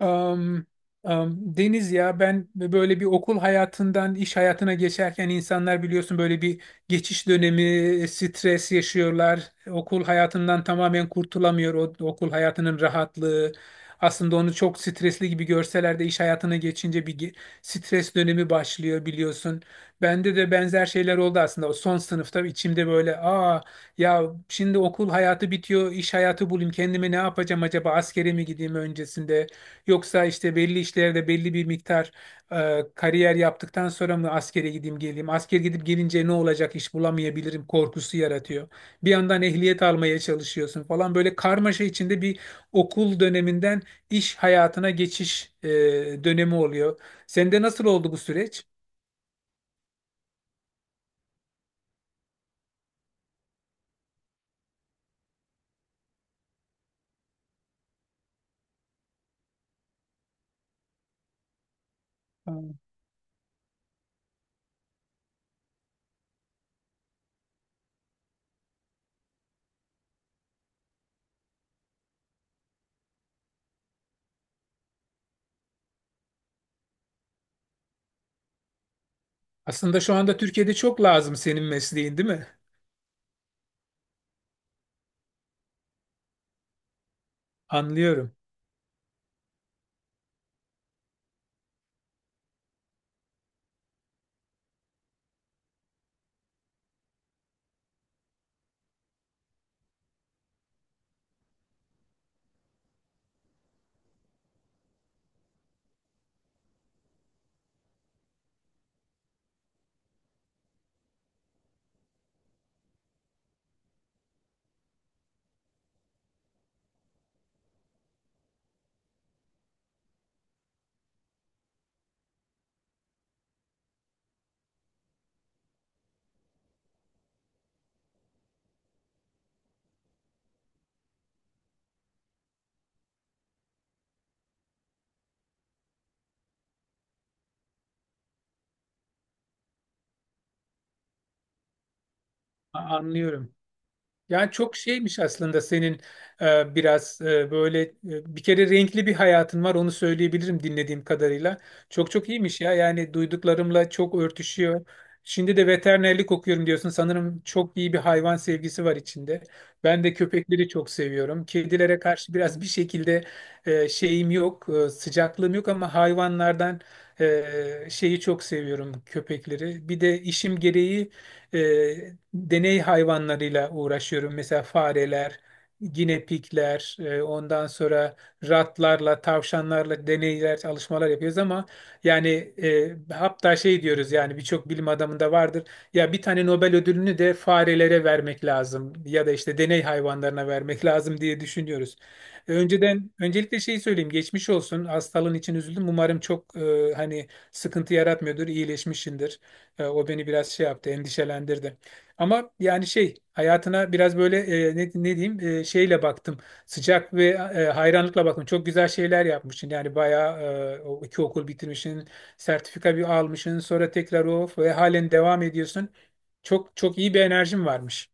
Am, Deniz, ya ben böyle bir okul hayatından iş hayatına geçerken insanlar, biliyorsun, böyle bir geçiş dönemi stres yaşıyorlar. Okul hayatından tamamen kurtulamıyor o okul hayatının rahatlığı. Aslında onu çok stresli gibi görseler de iş hayatına geçince bir stres dönemi başlıyor, biliyorsun. Bende de benzer şeyler oldu aslında. O son sınıfta içimde böyle, ya, şimdi okul hayatı bitiyor, iş hayatı bulayım. Kendime ne yapacağım acaba? Askere mi gideyim öncesinde? Yoksa işte belli işlerde belli bir miktar kariyer yaptıktan sonra mı askere gideyim geleyim? Asker gidip gelince ne olacak, iş bulamayabilirim korkusu yaratıyor. Bir yandan ehliyet almaya çalışıyorsun falan, böyle karmaşa içinde bir okul döneminden iş hayatına geçiş dönemi oluyor. Sende nasıl oldu bu süreç? Hmm. Aslında şu anda Türkiye'de çok lazım senin mesleğin, değil mi? Anlıyorum. Anlıyorum. Yani çok şeymiş aslında, senin biraz böyle bir kere renkli bir hayatın var, onu söyleyebilirim dinlediğim kadarıyla. Çok çok iyiymiş ya, yani duyduklarımla çok örtüşüyor. Şimdi de veterinerlik okuyorum diyorsun. Sanırım çok iyi bir hayvan sevgisi var içinde. Ben de köpekleri çok seviyorum. Kedilere karşı biraz bir şekilde şeyim yok, sıcaklığım yok ama hayvanlardan, şeyi çok seviyorum, köpekleri. Bir de işim gereği e, deney hayvanlarıyla uğraşıyorum. Mesela fareler, ginepikler, ondan sonra ratlarla, tavşanlarla deneyler, çalışmalar yapıyoruz ama yani, hatta şey diyoruz, yani birçok bilim adamında vardır. Ya bir tane Nobel ödülünü de farelere vermek lazım ya da işte deney hayvanlarına vermek lazım diye düşünüyoruz. Önceden öncelikle şeyi söyleyeyim, geçmiş olsun hastalığın için, üzüldüm, umarım çok hani sıkıntı yaratmıyordur, iyileşmişsindir. O beni biraz şey yaptı, endişelendirdi. Ama yani şey hayatına biraz böyle, ne diyeyim, şeyle baktım. Sıcak ve hayranlıkla baktım. Çok güzel şeyler yapmışsın. Yani bayağı, o iki okul bitirmişsin, sertifika bir almışsın, sonra tekrar o ve halen devam ediyorsun. Çok çok iyi bir enerjin varmış.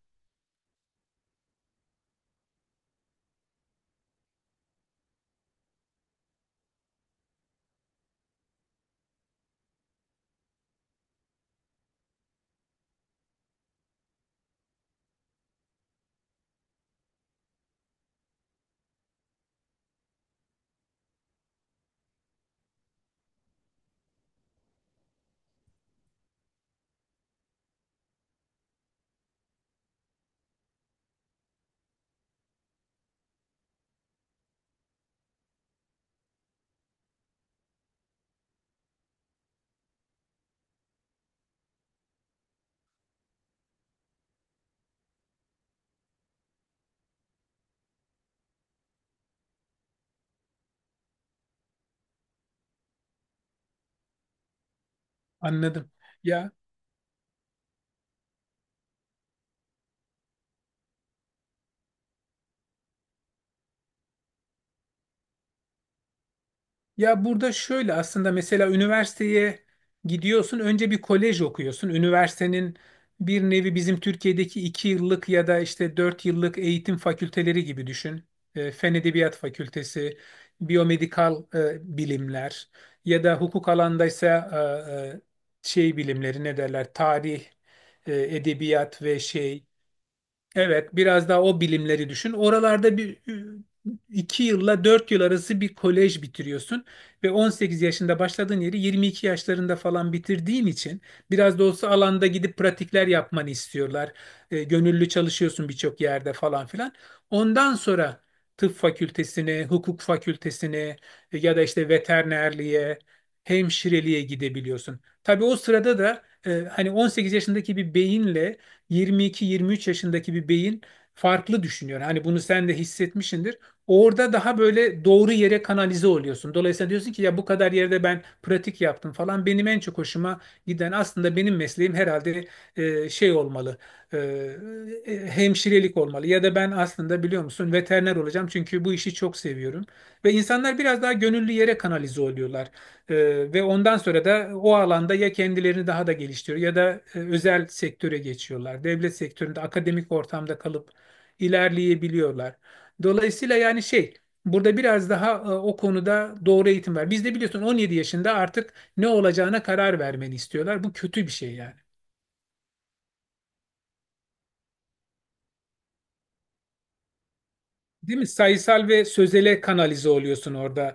Anladım. Ya Ya burada şöyle aslında, mesela üniversiteye gidiyorsun, önce bir kolej okuyorsun. Üniversitenin bir nevi bizim Türkiye'deki 2 yıllık ya da işte 4 yıllık eğitim fakülteleri gibi düşün. Fen Edebiyat Fakültesi, biyomedikal bilimler ya da hukuk alandaysa e, e, şey bilimleri ne derler, tarih, edebiyat ve şey. Evet, biraz daha o bilimleri düşün. Oralarda bir 2 yılla 4 yıl arası bir kolej bitiriyorsun ve 18 yaşında başladığın yeri 22 yaşlarında falan bitirdiğin için biraz da olsa alanda gidip pratikler yapmanı istiyorlar. Gönüllü çalışıyorsun birçok yerde falan filan. Ondan sonra tıp fakültesine, hukuk fakültesine ya da işte veterinerliğe, hemşireliğe gidebiliyorsun. Tabii o sırada da hani 18 yaşındaki bir beyinle 22-23 yaşındaki bir beyin farklı düşünüyor. Hani bunu sen de hissetmişsindir. Orada daha böyle doğru yere kanalize oluyorsun. Dolayısıyla diyorsun ki ya, bu kadar yerde ben pratik yaptım falan. Benim en çok hoşuma giden, aslında benim mesleğim herhalde şey olmalı. e, Hemşirelik olmalı. Ya da ben aslında, biliyor musun, veteriner olacağım çünkü bu işi çok seviyorum. Ve insanlar biraz daha gönüllü yere kanalize oluyorlar. Ve ondan sonra da o alanda ya kendilerini daha da geliştiriyor ya da özel sektöre geçiyorlar. Devlet sektöründe akademik ortamda kalıp ilerleyebiliyorlar. Dolayısıyla, yani şey, burada biraz daha o konuda doğru eğitim var. Bizde biliyorsun 17 yaşında artık ne olacağına karar vermeni istiyorlar. Bu kötü bir şey yani. Değil mi? Sayısal ve sözele kanalize oluyorsun orada.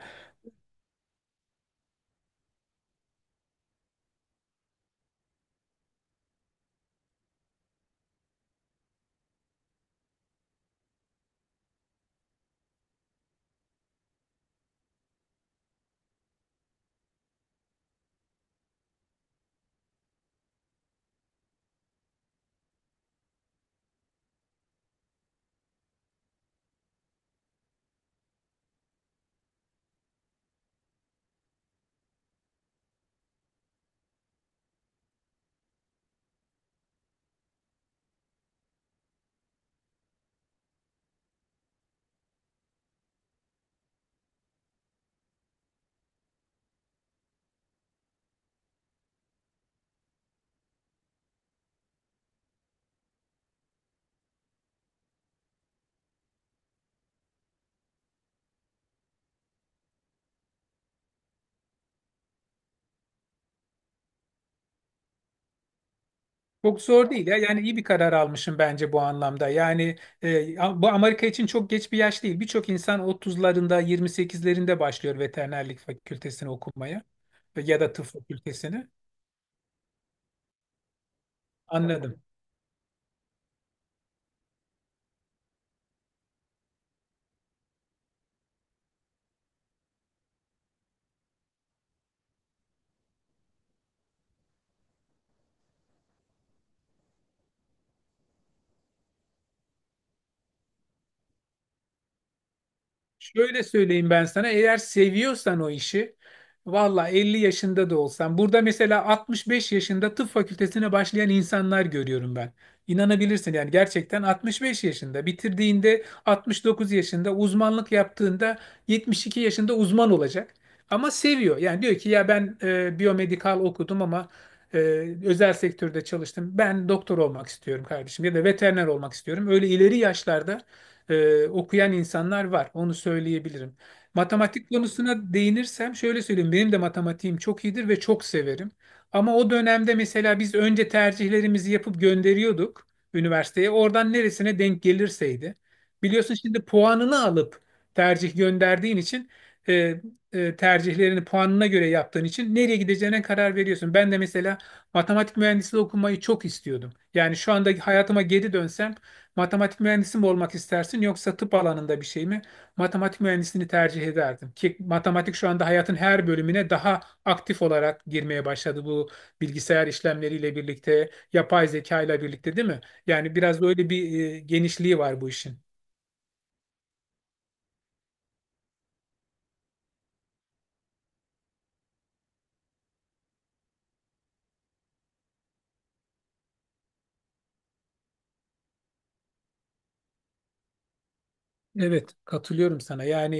Çok zor değil ya. Yani iyi bir karar almışım bence bu anlamda. Yani e, bu Amerika için çok geç bir yaş değil. Birçok insan 30'larında, 28'lerinde başlıyor veterinerlik fakültesini okumaya ya da tıp fakültesini. Anladım. Şöyle söyleyeyim, ben sana, eğer seviyorsan o işi, valla 50 yaşında da olsan, burada mesela 65 yaşında tıp fakültesine başlayan insanlar görüyorum ben. İnanabilirsin yani, gerçekten 65 yaşında bitirdiğinde, 69 yaşında uzmanlık yaptığında, 72 yaşında uzman olacak. Ama seviyor yani, diyor ki ya, ben biyomedikal okudum ama e, özel sektörde çalıştım, ben doktor olmak istiyorum kardeşim ya da veteriner olmak istiyorum. Öyle ileri yaşlarda okuyan insanlar var. Onu söyleyebilirim. Matematik konusuna değinirsem şöyle söyleyeyim. Benim de matematiğim çok iyidir ve çok severim. Ama o dönemde mesela biz önce tercihlerimizi yapıp gönderiyorduk üniversiteye. Oradan neresine denk gelirseydi. Biliyorsun şimdi puanını alıp tercih gönderdiğin için e, tercihlerini puanına göre yaptığın için nereye gideceğine karar veriyorsun. Ben de mesela matematik mühendisliği okumayı çok istiyordum. Yani şu anda hayatıma geri dönsem, matematik mühendisi mi olmak istersin yoksa tıp alanında bir şey mi? Matematik mühendisliğini tercih ederdim. Ki matematik şu anda hayatın her bölümüne daha aktif olarak girmeye başladı, bu bilgisayar işlemleriyle birlikte, yapay zeka ile birlikte, değil mi? Yani biraz da öyle bir genişliği var bu işin. Evet, katılıyorum sana. Yani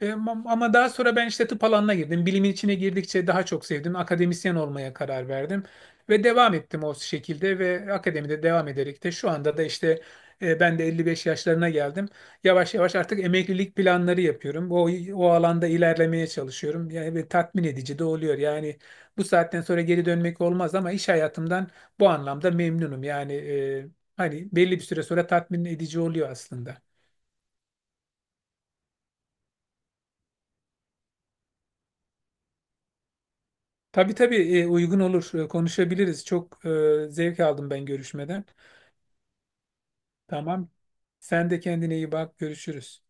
ama daha sonra ben işte tıp alanına girdim. Bilimin içine girdikçe daha çok sevdim. Akademisyen olmaya karar verdim ve devam ettim o şekilde ve akademide devam ederek de şu anda da işte ben de 55 yaşlarına geldim. Yavaş yavaş artık emeklilik planları yapıyorum. O alanda ilerlemeye çalışıyorum. Yani ve tatmin edici de oluyor. Yani bu saatten sonra geri dönmek olmaz ama iş hayatımdan bu anlamda memnunum. Yani hani belli bir süre sonra tatmin edici oluyor aslında. Tabii tabii, uygun olur. Konuşabiliriz. Çok zevk aldım ben görüşmeden. Tamam. Sen de kendine iyi bak. Görüşürüz.